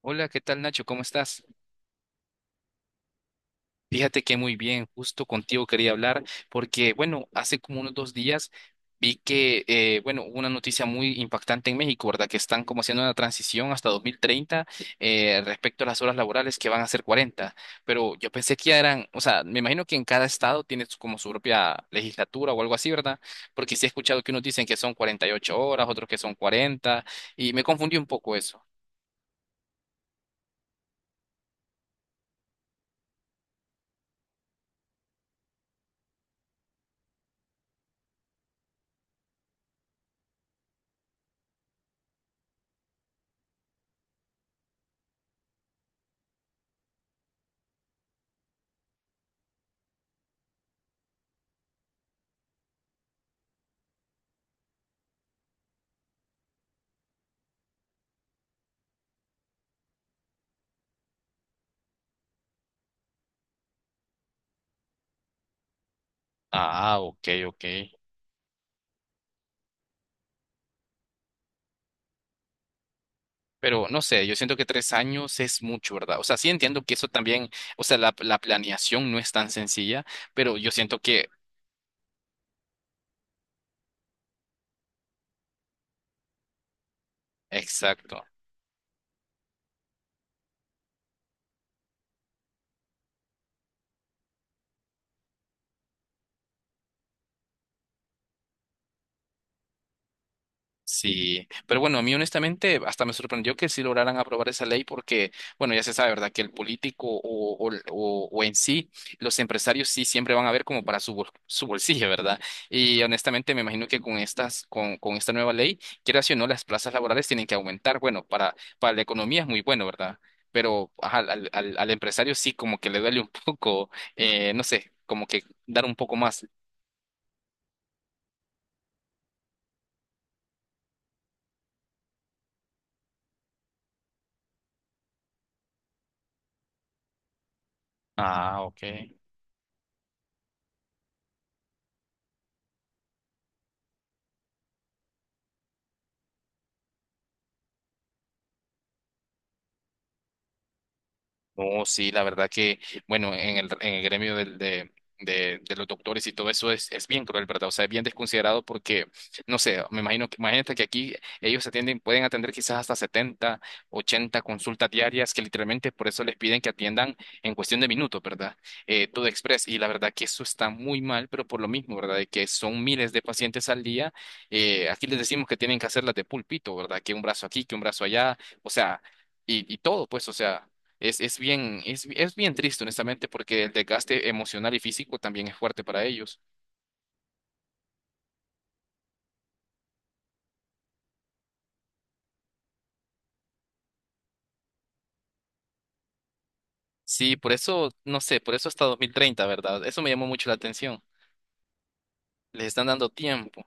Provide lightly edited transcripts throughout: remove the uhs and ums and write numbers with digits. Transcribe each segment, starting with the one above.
Hola, ¿qué tal Nacho? ¿Cómo estás? Fíjate que muy bien, justo contigo quería hablar porque, bueno, hace como unos 2 días vi que, bueno, hubo una noticia muy impactante en México, ¿verdad? Que están como haciendo una transición hasta 2030, respecto a las horas laborales que van a ser 40. Pero yo pensé que ya eran, o sea, me imagino que en cada estado tiene como su propia legislatura o algo así, ¿verdad? Porque sí he escuchado que unos dicen que son 48 horas, otros que son 40, y me confundí un poco eso. Ah, ok, ok. Pero no sé, yo siento que 3 años es mucho, ¿verdad? O sea, sí entiendo que eso también, o sea, la planeación no es tan sencilla, pero yo siento que, exacto. Sí, pero bueno, a mí honestamente hasta me sorprendió que sí lograran aprobar esa ley porque, bueno, ya se sabe, ¿verdad? Que el político o en sí, los empresarios sí siempre van a ver como para su bolsillo, ¿verdad? Y honestamente me imagino que con estas, con esta nueva ley, quieras o no, las plazas laborales tienen que aumentar. Bueno, para la economía es muy bueno, ¿verdad? Pero ajá, al empresario sí como que le duele un poco, no sé, como que dar un poco más. Ah, ok. No, sí, la verdad que, bueno, en el gremio de los doctores y todo eso es bien cruel, ¿verdad? O sea, es bien desconsiderado porque, no sé, me imagino que, imagínate que aquí ellos atienden, pueden atender quizás hasta 70, 80 consultas diarias que literalmente por eso les piden que atiendan en cuestión de minutos, ¿verdad? Todo express. Y la verdad que eso está muy mal, pero por lo mismo, ¿verdad? De que son miles de pacientes al día. Aquí les decimos que tienen que hacerlas de pulpito, ¿verdad? Que un brazo aquí, que un brazo allá. O sea, y todo, pues, o sea, es bien triste, honestamente, porque el desgaste emocional y físico también es fuerte para ellos. Sí, por eso, no sé, por eso hasta 2030, ¿verdad? Eso me llamó mucho la atención. Les están dando tiempo.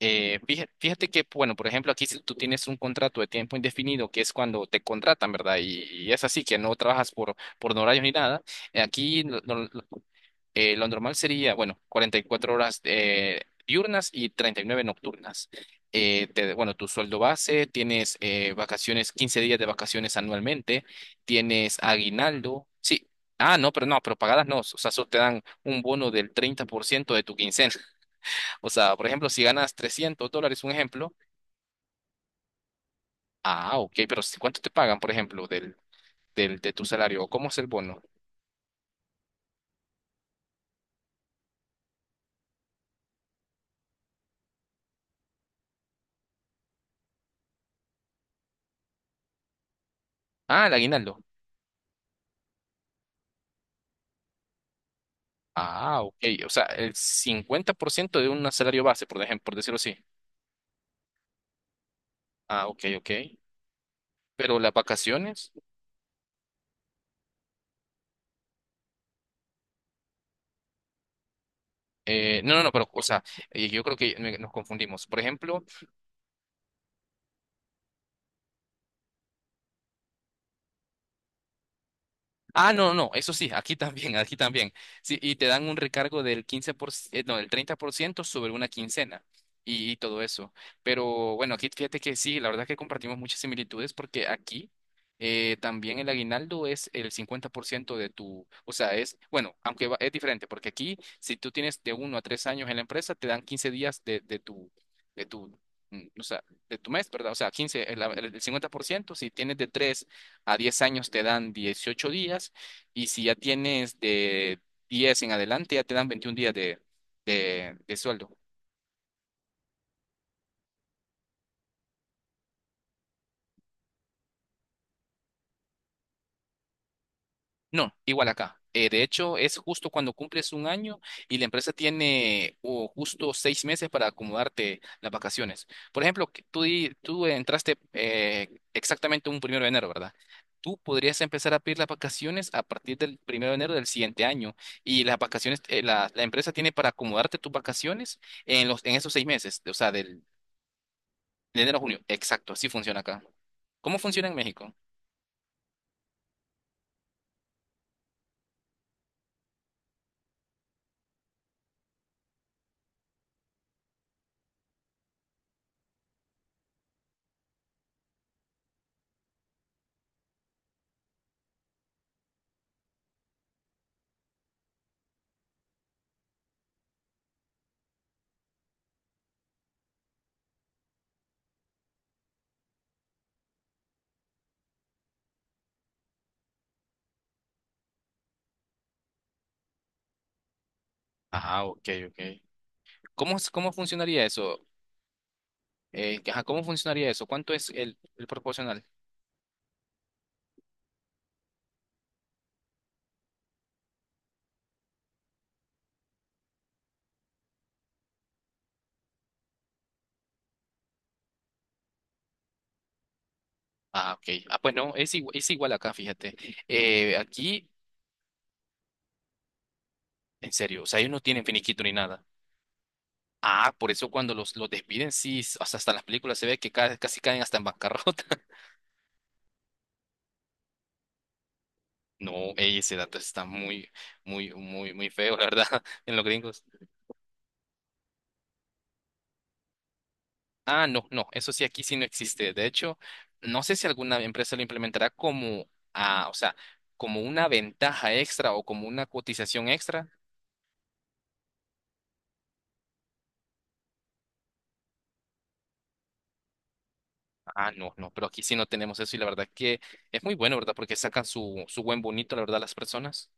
Fíjate que, bueno, por ejemplo, aquí si tú tienes un contrato de tiempo indefinido, que es cuando te contratan, ¿verdad? Y es así, que no trabajas por, no horarios ni nada. Aquí lo normal sería, bueno, 44 horas, diurnas y 39 nocturnas. Bueno, tu sueldo base, tienes, vacaciones, 15 días de vacaciones anualmente, tienes aguinaldo. Sí, ah, no, pero no, pero pagadas no. O sea, solo te dan un bono del 30% de tu quincena. O sea, por ejemplo, si ganas $300, un ejemplo. Ah, ok, pero ¿cuánto te pagan, por ejemplo, de tu salario? ¿O cómo es el bono? Ah, el aguinaldo. Ah, ok. O sea, el 50% de un salario base, por ejemplo, por decirlo así. Ah, ok, ok. Pero las vacaciones, no, no, no, pero, o sea, yo creo que nos confundimos. Por ejemplo, ah, no, no, eso sí, aquí también, aquí también. Sí, y te dan un recargo del 15%, no, del 30% sobre una quincena, y todo eso. Pero bueno, aquí fíjate que sí, la verdad que compartimos muchas similitudes porque aquí, también el aguinaldo es el 50% de tu, o sea, es, bueno, aunque es diferente porque aquí si tú tienes de 1 a 3 años en la empresa, te dan 15 días de, de tu, o sea, de tu mes, ¿verdad? O sea, 15, el 50% si tienes de 3. A 10 años te dan 18 días y si ya tienes de 10 en adelante ya te dan 21 días de sueldo. No, igual acá. De hecho, es justo cuando cumples un año y la empresa tiene o justo 6 meses para acomodarte las vacaciones. Por ejemplo, que tú entraste, exactamente un primero de enero, ¿verdad? Tú podrías empezar a pedir las vacaciones a partir del primero de enero del siguiente año, y las vacaciones, la empresa tiene para acomodarte tus vacaciones en esos 6 meses, o sea, del de enero a junio. Exacto, así funciona acá. ¿Cómo funciona en México? Ajá, ok, ok. ¿Cómo, cómo funcionaría eso? Ajá, ¿cómo funcionaría eso? ¿Cuánto es el proporcional? Ah, ok. Ah, pues no, es igual acá, fíjate. Aquí, en serio, o sea, ellos no tienen finiquito ni nada. Ah, por eso cuando los despiden, sí, hasta en las películas se ve que casi caen hasta en bancarrota. No, ey, ese dato está muy, muy, muy, muy feo, la verdad, en los gringos. Ah, no, no, eso sí, aquí sí no existe. De hecho, no sé si alguna empresa lo implementará como, o sea, como una ventaja extra o como una cotización extra. Ah, no, no, pero aquí sí no tenemos eso y la verdad que es muy bueno, ¿verdad? Porque sacan su buen bonito, la verdad, las personas.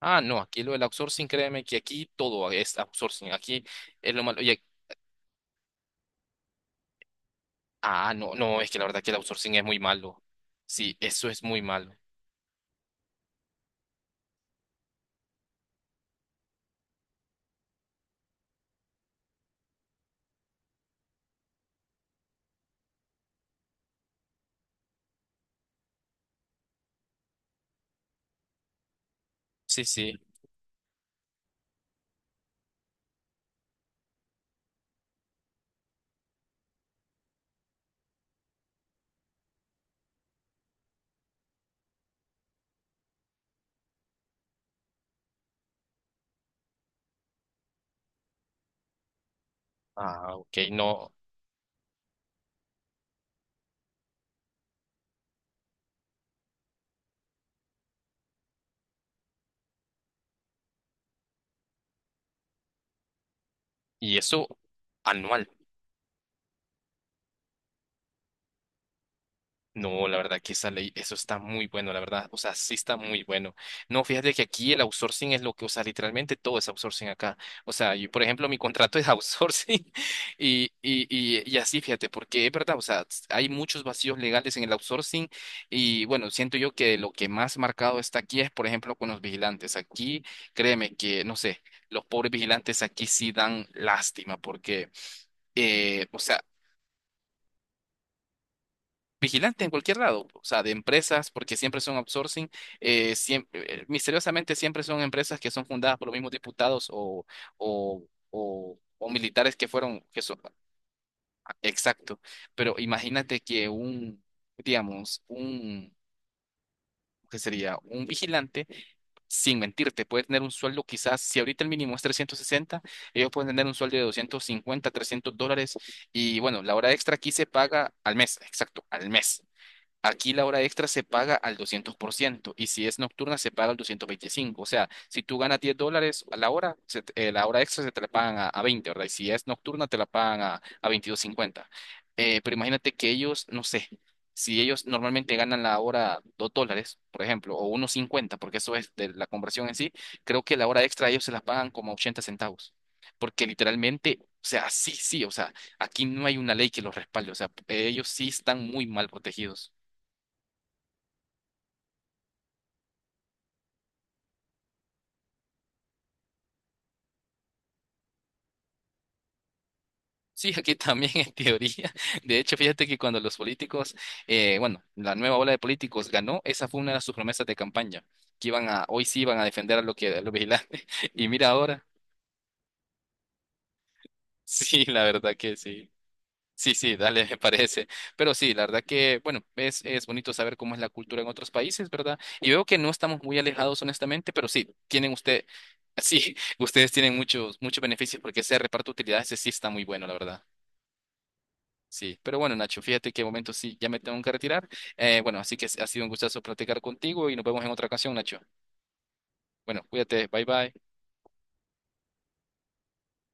Ah, no, aquí lo del outsourcing, créeme que aquí todo es outsourcing. Aquí es lo malo. No, no, es que la verdad que el outsourcing es muy malo. Sí, eso es muy malo. Sí, sí. Ah, ok, no. Y eso anual. No, la verdad que esa ley, eso está muy bueno, la verdad, o sea, sí está muy bueno. No, fíjate que aquí el outsourcing es lo que, o sea, literalmente todo es outsourcing acá. O sea, yo, por ejemplo, mi contrato es outsourcing y así, fíjate, porque es verdad, o sea, hay muchos vacíos legales en el outsourcing, y bueno, siento yo que lo que más marcado está aquí es, por ejemplo, con los vigilantes. Aquí, créeme que, no sé, los pobres vigilantes aquí sí dan lástima porque... O sea, vigilante en cualquier lado, o sea, de empresas, porque siempre son outsourcing, siempre, misteriosamente siempre son empresas que son fundadas por los mismos diputados o, o militares que fueron, que son, ah, exacto, pero imagínate que un, digamos, un, ¿qué sería? Un vigilante. Sin mentirte, puede tener un sueldo quizás, si ahorita el mínimo es 360, ellos pueden tener un sueldo de $250-$300 y bueno, la hora extra aquí se paga al mes, exacto, al mes. Aquí la hora extra se paga al 200% y si es nocturna se paga al 225%. O sea, si tú ganas $10 a la hora, la hora extra se te la pagan a 20, ¿verdad? Y si es nocturna te la pagan a 22,50. Pero imagínate que ellos, no sé, si ellos normalmente ganan la hora $2, por ejemplo, o 1,50, porque eso es de la conversión en sí, creo que la hora extra ellos se la pagan como 80 centavos. Porque literalmente, o sea, sí, sí, o sea, aquí no hay una ley que los respalde, o sea, ellos sí están muy mal protegidos. Sí, aquí también en teoría. De hecho, fíjate que cuando los políticos, bueno, la nueva ola de políticos ganó, esa fue una de sus promesas de campaña, que iban a, hoy sí iban a defender a, lo que, a los vigilantes. Y mira ahora, sí, la verdad que sí. Sí, sí, dale, me parece. Pero sí, la verdad que, bueno, es bonito saber cómo es la cultura en otros países, ¿verdad? Y veo que no estamos muy alejados, honestamente, pero sí, tienen usted, sí, ustedes tienen muchos, muchos beneficios porque ese reparto de utilidades, ese sí está muy bueno, la verdad. Sí, pero bueno, Nacho, fíjate que de momento sí, ya me tengo que retirar. Bueno, así que ha sido un gustazo platicar contigo y nos vemos en otra ocasión, Nacho. Bueno, cuídate, bye bye.